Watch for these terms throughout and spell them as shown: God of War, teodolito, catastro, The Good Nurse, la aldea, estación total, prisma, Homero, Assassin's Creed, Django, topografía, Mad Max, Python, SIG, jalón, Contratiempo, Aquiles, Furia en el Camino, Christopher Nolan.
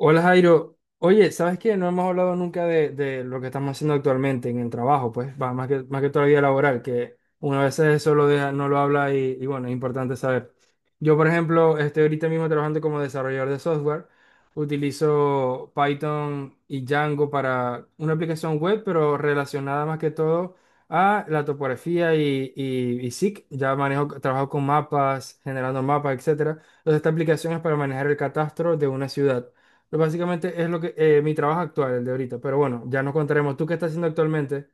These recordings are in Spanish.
Hola Jairo, oye, ¿sabes qué? No hemos hablado nunca de lo que estamos haciendo actualmente en el trabajo, pues, va, más que toda la vida laboral, que una vez eso lo deja, no lo habla y bueno, es importante saber. Yo, por ejemplo, estoy ahorita mismo trabajando como desarrollador de software, utilizo Python y Django para una aplicación web, pero relacionada más que todo a la topografía y SIG. Ya manejo, trabajo con mapas, generando mapas, etcétera. Entonces, esta aplicación es para manejar el catastro de una ciudad. Pues básicamente es lo que mi trabajo actual, el de ahorita. Pero bueno, ya nos contaremos. ¿Tú qué estás haciendo actualmente?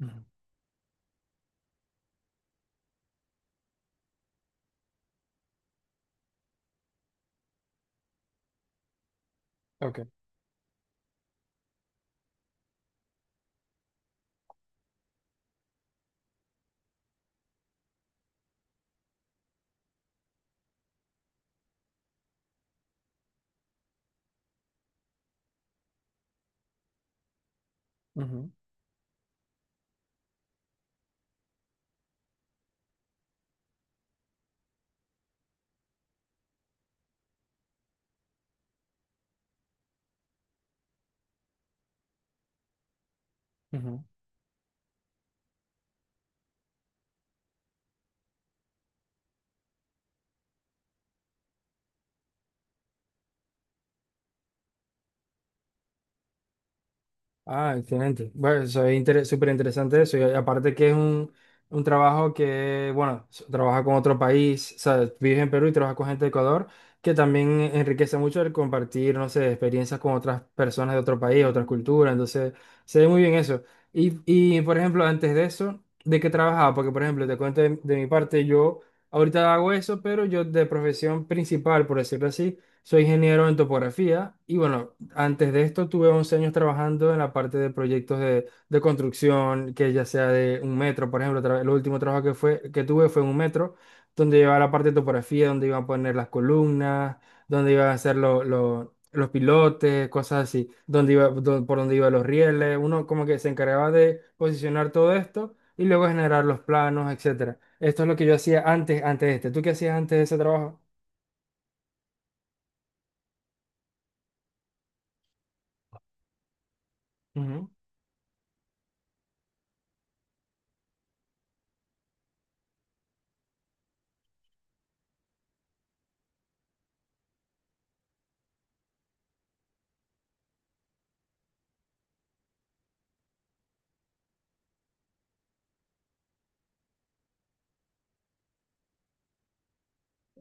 Ujú. Ok. Ujú, ujú. Ah, excelente. Bueno, eso es súper interesante eso. Y aparte que es un trabajo que, bueno, trabaja con otro país, o sea, vives en Perú y trabajas con gente de Ecuador, que también enriquece mucho el compartir, no sé, experiencias con otras personas de otro país, otras culturas. Entonces, se ve muy bien eso. Y, por ejemplo, antes de eso, ¿de qué trabajaba? Porque, por ejemplo, te cuento de mi parte, yo ahorita hago eso, pero yo de profesión principal, por decirlo así, soy ingeniero en topografía y, bueno, antes de esto tuve 11 años trabajando en la parte de proyectos de construcción, que ya sea de un metro, por ejemplo, el último trabajo que tuve fue en un metro, donde llevaba la parte de topografía, donde iban a poner las columnas, donde iban a hacer los pilotes, cosas así, donde iba, por donde iban los rieles, uno como que se encargaba de posicionar todo esto y luego generar los planos, etcétera. Esto es lo que yo hacía antes de este. ¿Tú qué hacías antes de ese trabajo?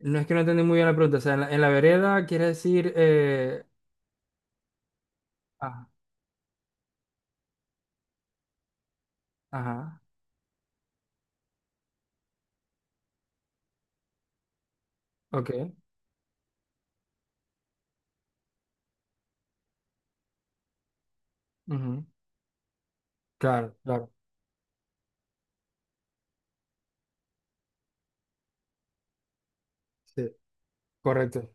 No es que no entendí muy bien la pregunta. O sea, en la vereda quiere decir. Ah, ajá, ok. Ujú, claro, claro. Sí, correcto.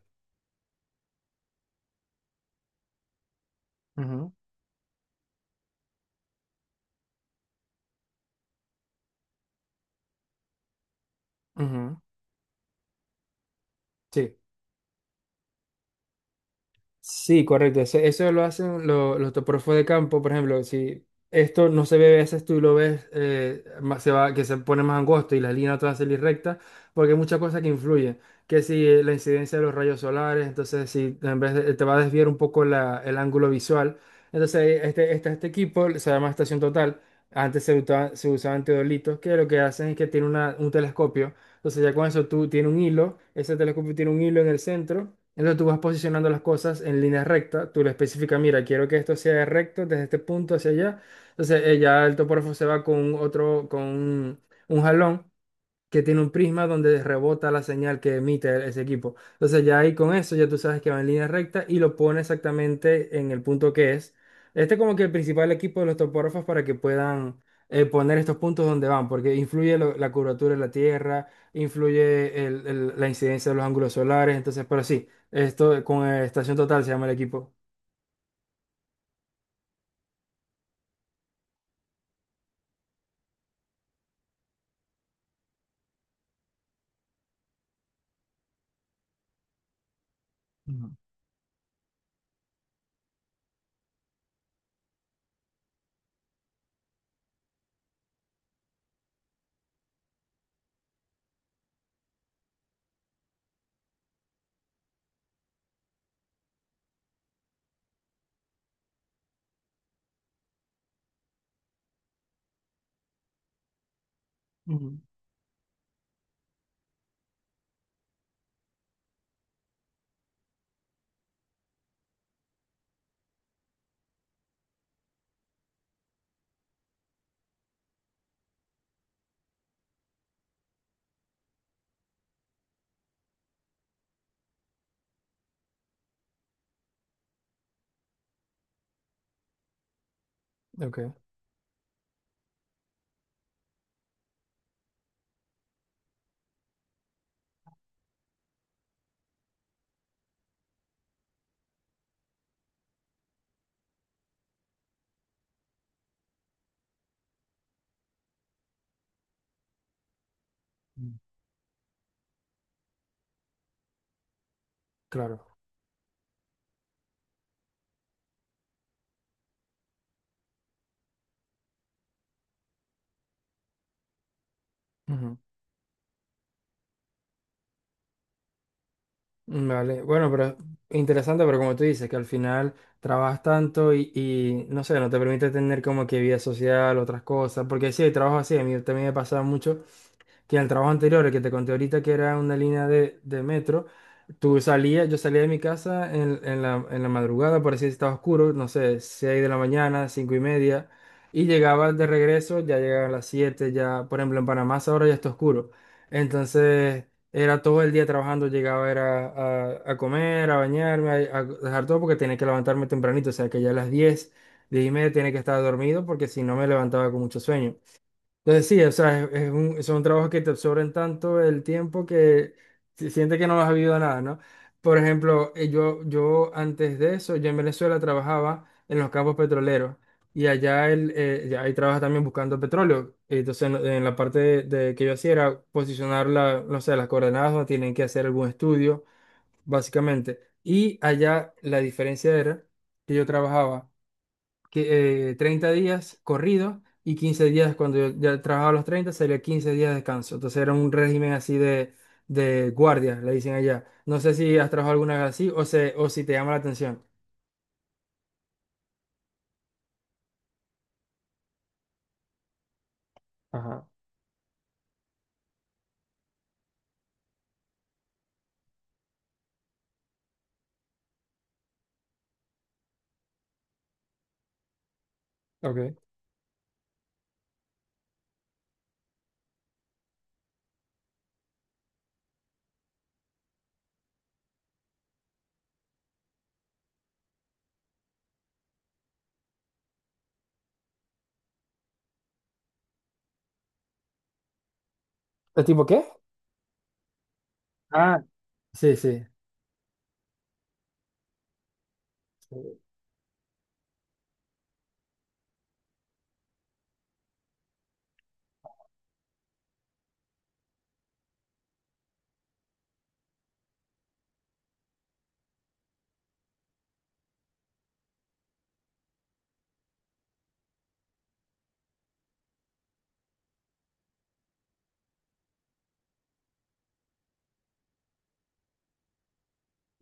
Ujú, ujú, sí. Sí, correcto. Eso lo hacen los topógrafos de campo, por ejemplo, si esto no se ve a veces tú lo ves se va, que se pone más angosto y la línea toda se recta, porque hay muchas cosas que influyen, que si la incidencia de los rayos solares, entonces si en vez te va a desviar un poco el ángulo visual, entonces este equipo se llama estación total, antes se usaban teodolitos, que lo que hacen es que tiene un telescopio, entonces ya con eso tú tienes un hilo, ese telescopio tiene un hilo en el centro, entonces tú vas posicionando las cosas en línea recta, tú le especificas, mira, quiero que esto sea recto desde este punto hacia allá, entonces ya el topógrafo se va con otro, con un jalón que tiene un prisma donde rebota la señal que emite ese equipo. Entonces ya ahí con eso ya tú sabes que va en línea recta y lo pone exactamente en el punto que es. Este es como que el principal equipo de los topógrafos para que puedan poner estos puntos donde van, porque influye la curvatura de la Tierra, influye la incidencia de los ángulos solares, entonces, pero sí, esto con estación total se llama el equipo. Ujú, ujú, ok, ujú. Claro. Vale, bueno, pero interesante, pero como tú dices, que al final trabajas tanto y, no sé, no te permite tener como que vida social, otras cosas, porque sí, hay trabajo así, a mí también me pasa mucho que en el trabajo anterior, el que te conté ahorita, que era una línea de metro, yo salía de mi casa en, en la madrugada, por así decirlo, estaba oscuro, no sé, 6 de la mañana, 5:30, y llegaba de regreso, ya llegaba a las 7 ya, por ejemplo, en Panamá ahora ya está oscuro. Entonces, era todo el día trabajando, llegaba era a comer, a bañarme, a dejar todo porque tenía que levantarme tempranito, o sea que ya a las 10, 10:30 tenía que estar dormido porque si no me levantaba con mucho sueño. Entonces sí, o sea, es un trabajo que te absorben tanto el tiempo que sientes que no has habido nada, ¿no? Por ejemplo, yo antes de eso, yo en Venezuela trabajaba en los campos petroleros y allá ya ahí trabajas también buscando petróleo. Entonces en la parte de que yo hacía era posicionar no sé, las coordenadas donde tienen que hacer algún estudio, básicamente. Y allá la diferencia era que yo trabajaba 30 días corridos y 15 días cuando yo ya trabajaba los 30 sería 15 días de descanso. Entonces era un régimen así de guardia, le dicen allá. No sé si has trabajado alguna vez así o si te llama la atención. Ajá, ok. ¿Es tipo qué? Ah, sí, sí.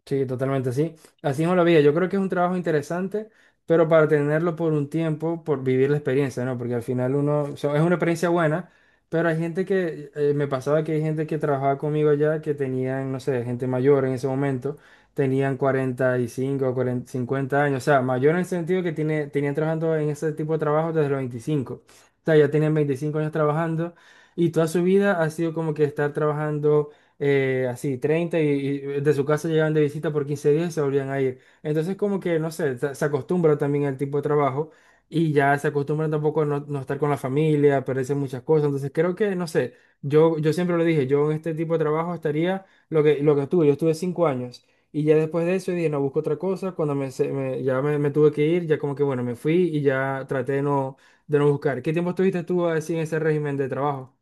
Sí, totalmente, sí. Así no la vida. Yo creo que es un trabajo interesante, pero para tenerlo por un tiempo, por vivir la experiencia, ¿no? Porque al final uno, o sea, es una experiencia buena, pero hay gente que, me pasaba que hay gente que trabajaba conmigo allá que tenían, no sé, gente mayor en ese momento, tenían 45, 40, 50 años, o sea, mayor en el sentido que tenían trabajando en ese tipo de trabajo desde los 25. O sea, ya tienen 25 años trabajando y toda su vida ha sido como que estar trabajando así, 30 y de su casa llegaban de visita por 15 días y se volvían a ir. Entonces, como que, no sé, se acostumbra también al tipo de trabajo y ya se acostumbran tampoco a no, no estar con la familia, a perderse muchas cosas. Entonces, creo que, no sé, yo siempre lo dije, yo en este tipo de trabajo estaría lo que estuve, yo estuve 5 años. Y ya después de eso dije, no, busco otra cosa. Cuando ya me tuve que ir, ya como que, bueno, me fui y ya traté de no, buscar. ¿Qué tiempo estuviste tú así en ese régimen de trabajo?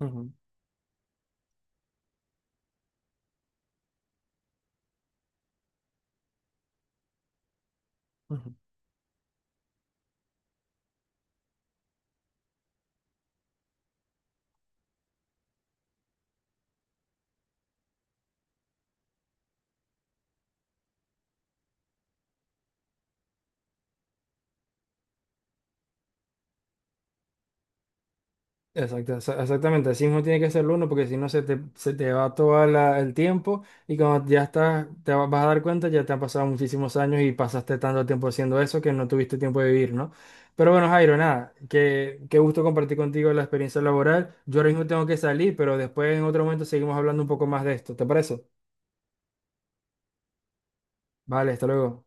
Ujú, ujú. Exactamente, así mismo tiene que ser el uno porque si no se te va todo el tiempo y cuando ya estás, vas a dar cuenta, ya te han pasado muchísimos años y pasaste tanto tiempo haciendo eso que no tuviste tiempo de vivir, ¿no? Pero bueno, Jairo, nada, que qué gusto compartir contigo la experiencia laboral. Yo ahora mismo tengo que salir, pero después en otro momento seguimos hablando un poco más de esto, ¿te parece? Vale, hasta luego.